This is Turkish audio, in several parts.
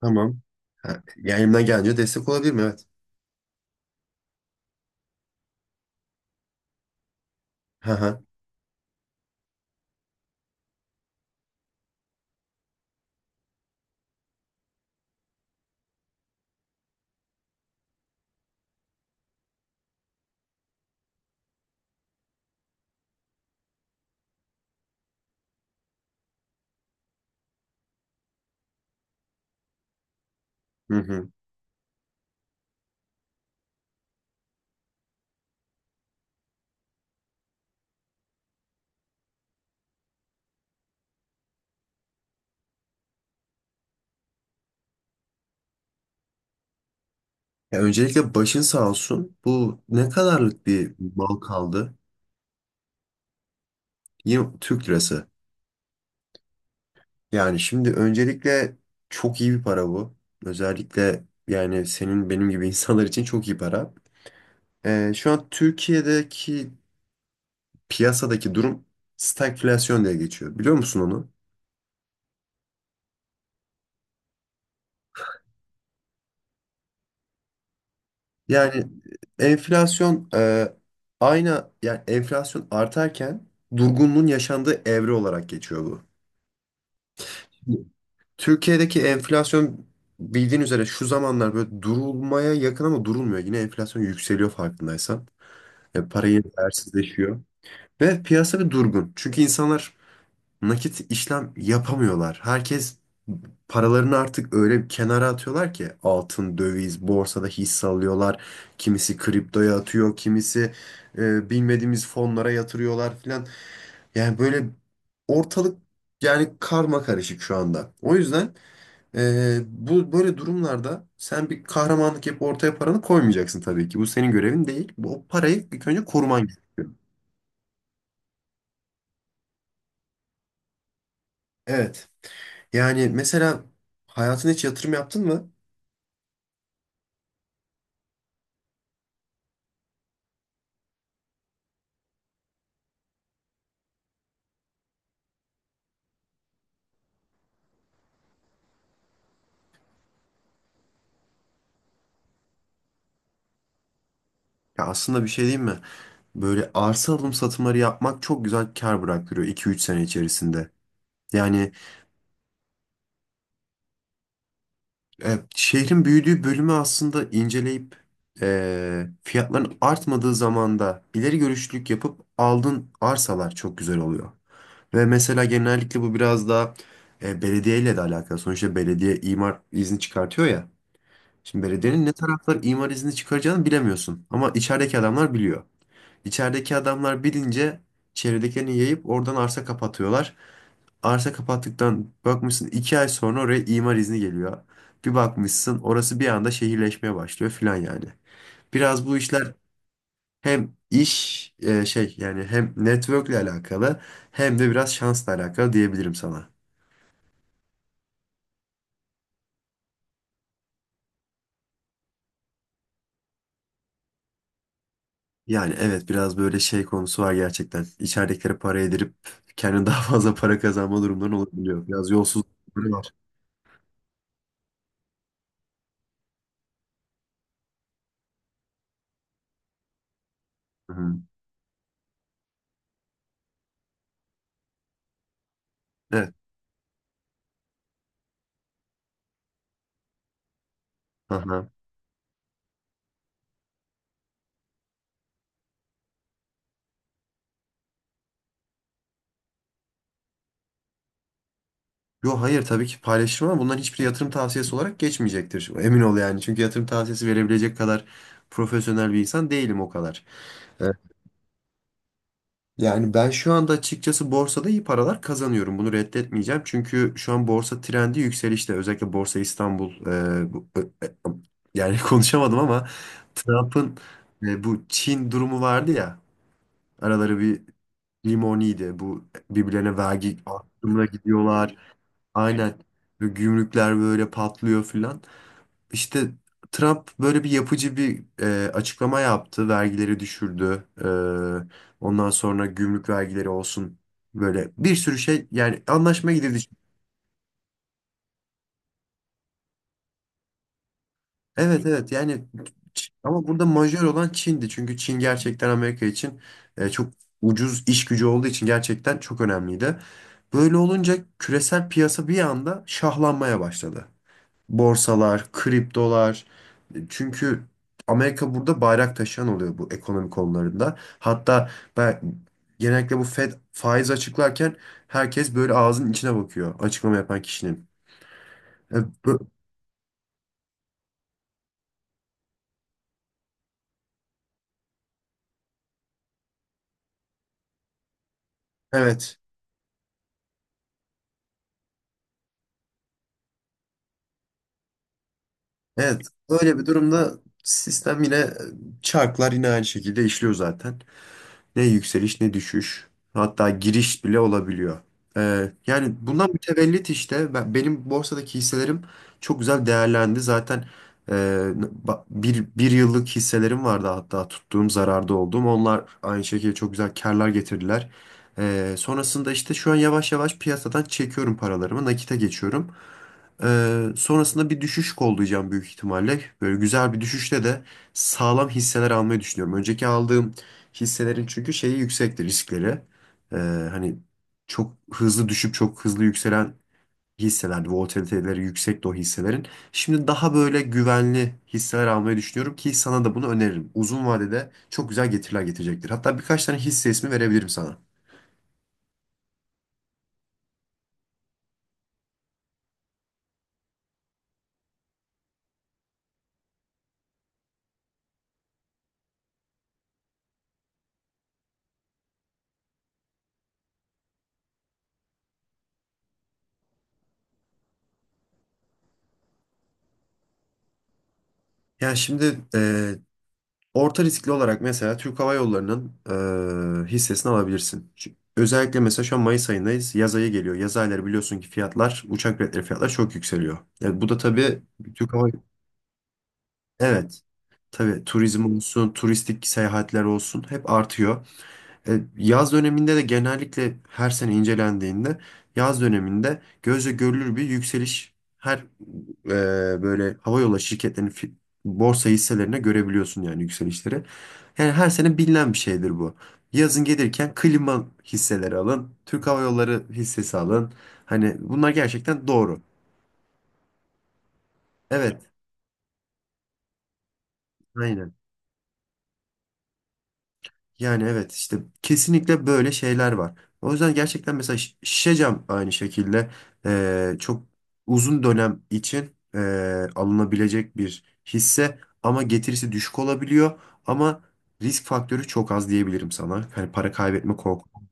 Tamam. Ha, yani elimden gelince destek olabilirim evet. Hı hı. Hı hı. Ya öncelikle başın sağ olsun. Bu ne kadarlık bir mal kaldı? Yine Türk lirası. Yani şimdi öncelikle çok iyi bir para bu. Özellikle yani senin benim gibi insanlar için çok iyi para. Şu an Türkiye'deki piyasadaki durum stagflasyon diye geçiyor. Biliyor musun onu? Yani enflasyon aynı yani enflasyon artarken durgunluğun yaşandığı evre olarak geçiyor bu. Türkiye'deki enflasyon bildiğin üzere şu zamanlar böyle durulmaya yakın ama durulmuyor. Yine enflasyon yükseliyor farkındaysan. Para yine değersizleşiyor. Ve piyasa bir durgun. Çünkü insanlar nakit işlem yapamıyorlar. Herkes paralarını artık öyle bir kenara atıyorlar ki altın, döviz, borsada hisse alıyorlar. Kimisi kriptoya atıyor, kimisi bilmediğimiz fonlara yatırıyorlar filan. Yani böyle ortalık yani karma karışık şu anda. O yüzden bu böyle durumlarda sen bir kahramanlık yapıp ortaya paranı koymayacaksın tabii ki. Bu senin görevin değil. Bu o parayı ilk önce koruman gerekiyor. Evet. Yani mesela hayatına hiç yatırım yaptın mı? Ya aslında bir şey diyeyim mi? Böyle arsa alım satımları yapmak çok güzel kar bıraktırıyor 2-3 sene içerisinde. Yani şehrin büyüdüğü bölümü aslında inceleyip fiyatların artmadığı zamanda ileri görüşlülük yapıp aldığın arsalar çok güzel oluyor. Ve mesela genellikle bu biraz daha belediyeyle de alakalı. Sonuçta belediye imar izni çıkartıyor ya. Şimdi belediyenin ne taraflar imar izni çıkaracağını bilemiyorsun. Ama içerideki adamlar biliyor. İçerideki adamlar bilince çevredekilerini yayıp oradan arsa kapatıyorlar. Arsa kapattıktan bakmışsın 2 ay sonra oraya imar izni geliyor. Bir bakmışsın orası bir anda şehirleşmeye başlıyor filan yani. Biraz bu işler hem iş şey yani hem network'le alakalı hem de biraz şansla alakalı diyebilirim sana. Yani evet biraz böyle şey konusu var gerçekten. İçeridekilere para yedirip kendine daha fazla para kazanma durumları olabiliyor. Biraz yolsuzlukları var. Hı hı. Evet. Aha. Yo, hayır, tabii ki paylaşırım ama bunların hiçbir yatırım tavsiyesi olarak geçmeyecektir. Emin ol yani. Çünkü yatırım tavsiyesi verebilecek kadar profesyonel bir insan değilim o kadar. Evet. Yani ben şu anda açıkçası borsada iyi paralar kazanıyorum. Bunu reddetmeyeceğim. Çünkü şu an borsa trendi yükselişte. Özellikle Borsa İstanbul e, bu- e, e, yani konuşamadım ama Trump'ın bu Çin durumu vardı ya. Araları bir limoniydi. Bu birbirlerine vergi arttırmaya gidiyorlar. Aynen. Ve gümrükler böyle patlıyor filan. İşte Trump böyle bir yapıcı bir açıklama yaptı. Vergileri düşürdü. Ondan sonra gümrük vergileri olsun. Böyle bir sürü şey yani anlaşma gidildi. Evet, evet yani ama burada majör olan Çin'di. Çünkü Çin gerçekten Amerika için çok ucuz iş gücü olduğu için gerçekten çok önemliydi. Böyle olunca küresel piyasa bir anda şahlanmaya başladı. Borsalar, kriptolar. Çünkü Amerika burada bayrak taşıyan oluyor bu ekonomi konularında. Hatta ben genellikle bu Fed faiz açıklarken herkes böyle ağzının içine bakıyor açıklama yapan kişinin. E, bu- Evet, evet. Böyle bir durumda sistem yine çarklar yine aynı şekilde işliyor zaten. Ne yükseliş ne düşüş. Hatta giriş bile olabiliyor. Yani bundan mütevellit işte benim borsadaki hisselerim çok güzel değerlendi. Zaten e, bir yıllık hisselerim vardı hatta tuttuğum zararda olduğum. Onlar aynı şekilde çok güzel karlar getirdiler. Sonrasında işte şu an yavaş yavaş piyasadan çekiyorum paralarımı, nakite geçiyorum. Sonrasında bir düşüş kollayacağım büyük ihtimalle. Böyle güzel bir düşüşte de sağlam hisseler almayı düşünüyorum. Önceki aldığım hisselerin çünkü şeyi yüksekti, riskleri. Ee, hani çok hızlı düşüp çok hızlı yükselen hisselerdi. Volatiliteleri yüksekti o hisselerin. Şimdi daha böyle güvenli hisseler almayı düşünüyorum ki sana da bunu öneririm. Uzun vadede çok güzel getiriler getirecektir. Hatta birkaç tane hisse ismi verebilirim sana. Ya şimdi orta riskli olarak mesela Türk Hava Yolları'nın hissesini alabilirsin. Çünkü özellikle mesela şu an Mayıs ayındayız. Yaz ayı geliyor. Yaz ayları biliyorsun ki fiyatlar, uçak biletleri fiyatlar çok yükseliyor. Yani bu da tabii Türk Hava. Evet. Tabii turizm olsun, turistik seyahatler olsun hep artıyor. E, Yaz döneminde de genellikle her sene incelendiğinde yaz döneminde gözle görülür bir yükseliş her e, böyle havayolu şirketlerinin borsa hisselerine görebiliyorsun, yani yükselişleri. Yani her sene bilinen bir şeydir bu. Yazın gelirken klima hisseleri alın, Türk Hava Yolları hissesi alın. Hani bunlar gerçekten doğru. Evet, aynen. Yani evet işte kesinlikle böyle şeyler var. O yüzden gerçekten mesela şişe cam aynı şekilde çok uzun dönem için alınabilecek bir hisse ama getirisi düşük olabiliyor ama risk faktörü çok az diyebilirim sana. Hani para kaybetme korku.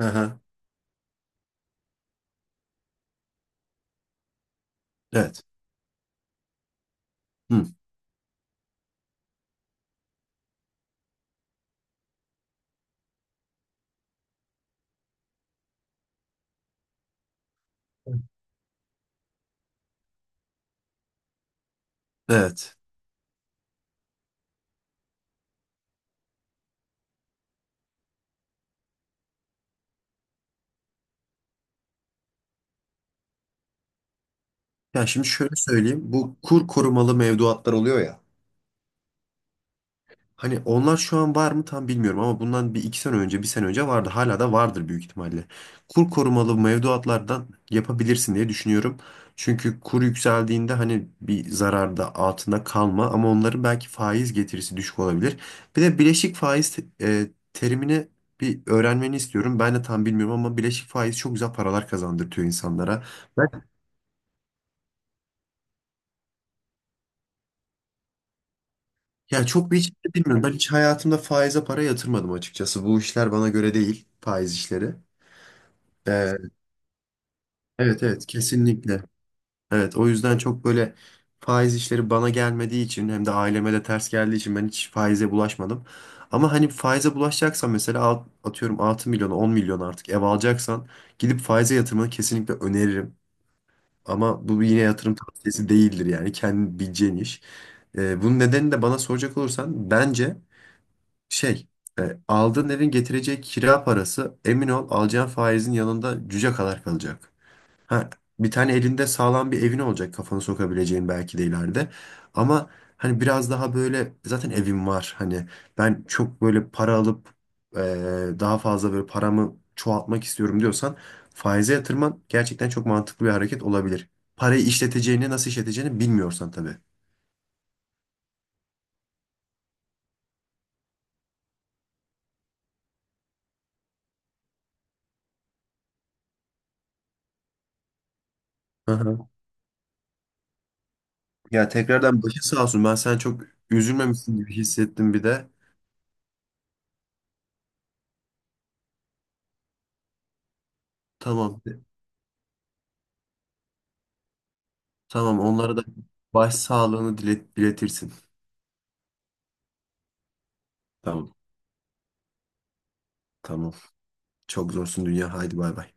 Hı hı. Evet. Hı. Evet. Yani şimdi şöyle söyleyeyim. Bu kur korumalı mevduatlar oluyor ya. Hani onlar şu an var mı tam bilmiyorum ama bundan 1-2 sene önce, bir sene önce vardı. Hala da vardır büyük ihtimalle. Kur korumalı mevduatlardan yapabilirsin diye düşünüyorum. Çünkü kur yükseldiğinde hani bir zararda altında kalma ama onların belki faiz getirisi düşük olabilir. Bir de bileşik faiz terimini bir öğrenmeni istiyorum. Ben de tam bilmiyorum ama bileşik faiz çok güzel paralar kazandırtıyor insanlara. Ben ya çok bir hiç bilmiyorum. Ben hiç hayatımda faize para yatırmadım açıkçası. Bu işler bana göre değil, faiz işleri. E, Evet, evet, kesinlikle. Evet, o yüzden çok böyle faiz işleri bana gelmediği için hem de aileme de ters geldiği için ben hiç faize bulaşmadım. Ama hani faize bulaşacaksan mesela atıyorum 6 milyona 10 milyon artık ev alacaksan gidip faize yatırmanı kesinlikle öneririm. Ama bu yine yatırım tavsiyesi değildir yani kendin bileceğin iş. Bunun nedeni de bana soracak olursan bence şey aldığın evin getireceği kira parası emin ol alacağın faizin yanında cüce kadar kalacak. Ha, bir tane elinde sağlam bir evin olacak kafanı sokabileceğin belki de ileride. Ama hani biraz daha böyle zaten evim var. Hani ben çok böyle para alıp e, daha fazla böyle paramı çoğaltmak istiyorum diyorsan faize yatırman gerçekten çok mantıklı bir hareket olabilir. Parayı işleteceğini, nasıl işleteceğini bilmiyorsan tabii. Hı hı. Ya tekrardan başın sağ olsun. Ben sen çok üzülmemişsin gibi hissettim bir de. Tamam. Tamam. Onlara da baş sağlığını diletirsin. Tamam. Tamam. Çok zorsun dünya. Haydi bay bay.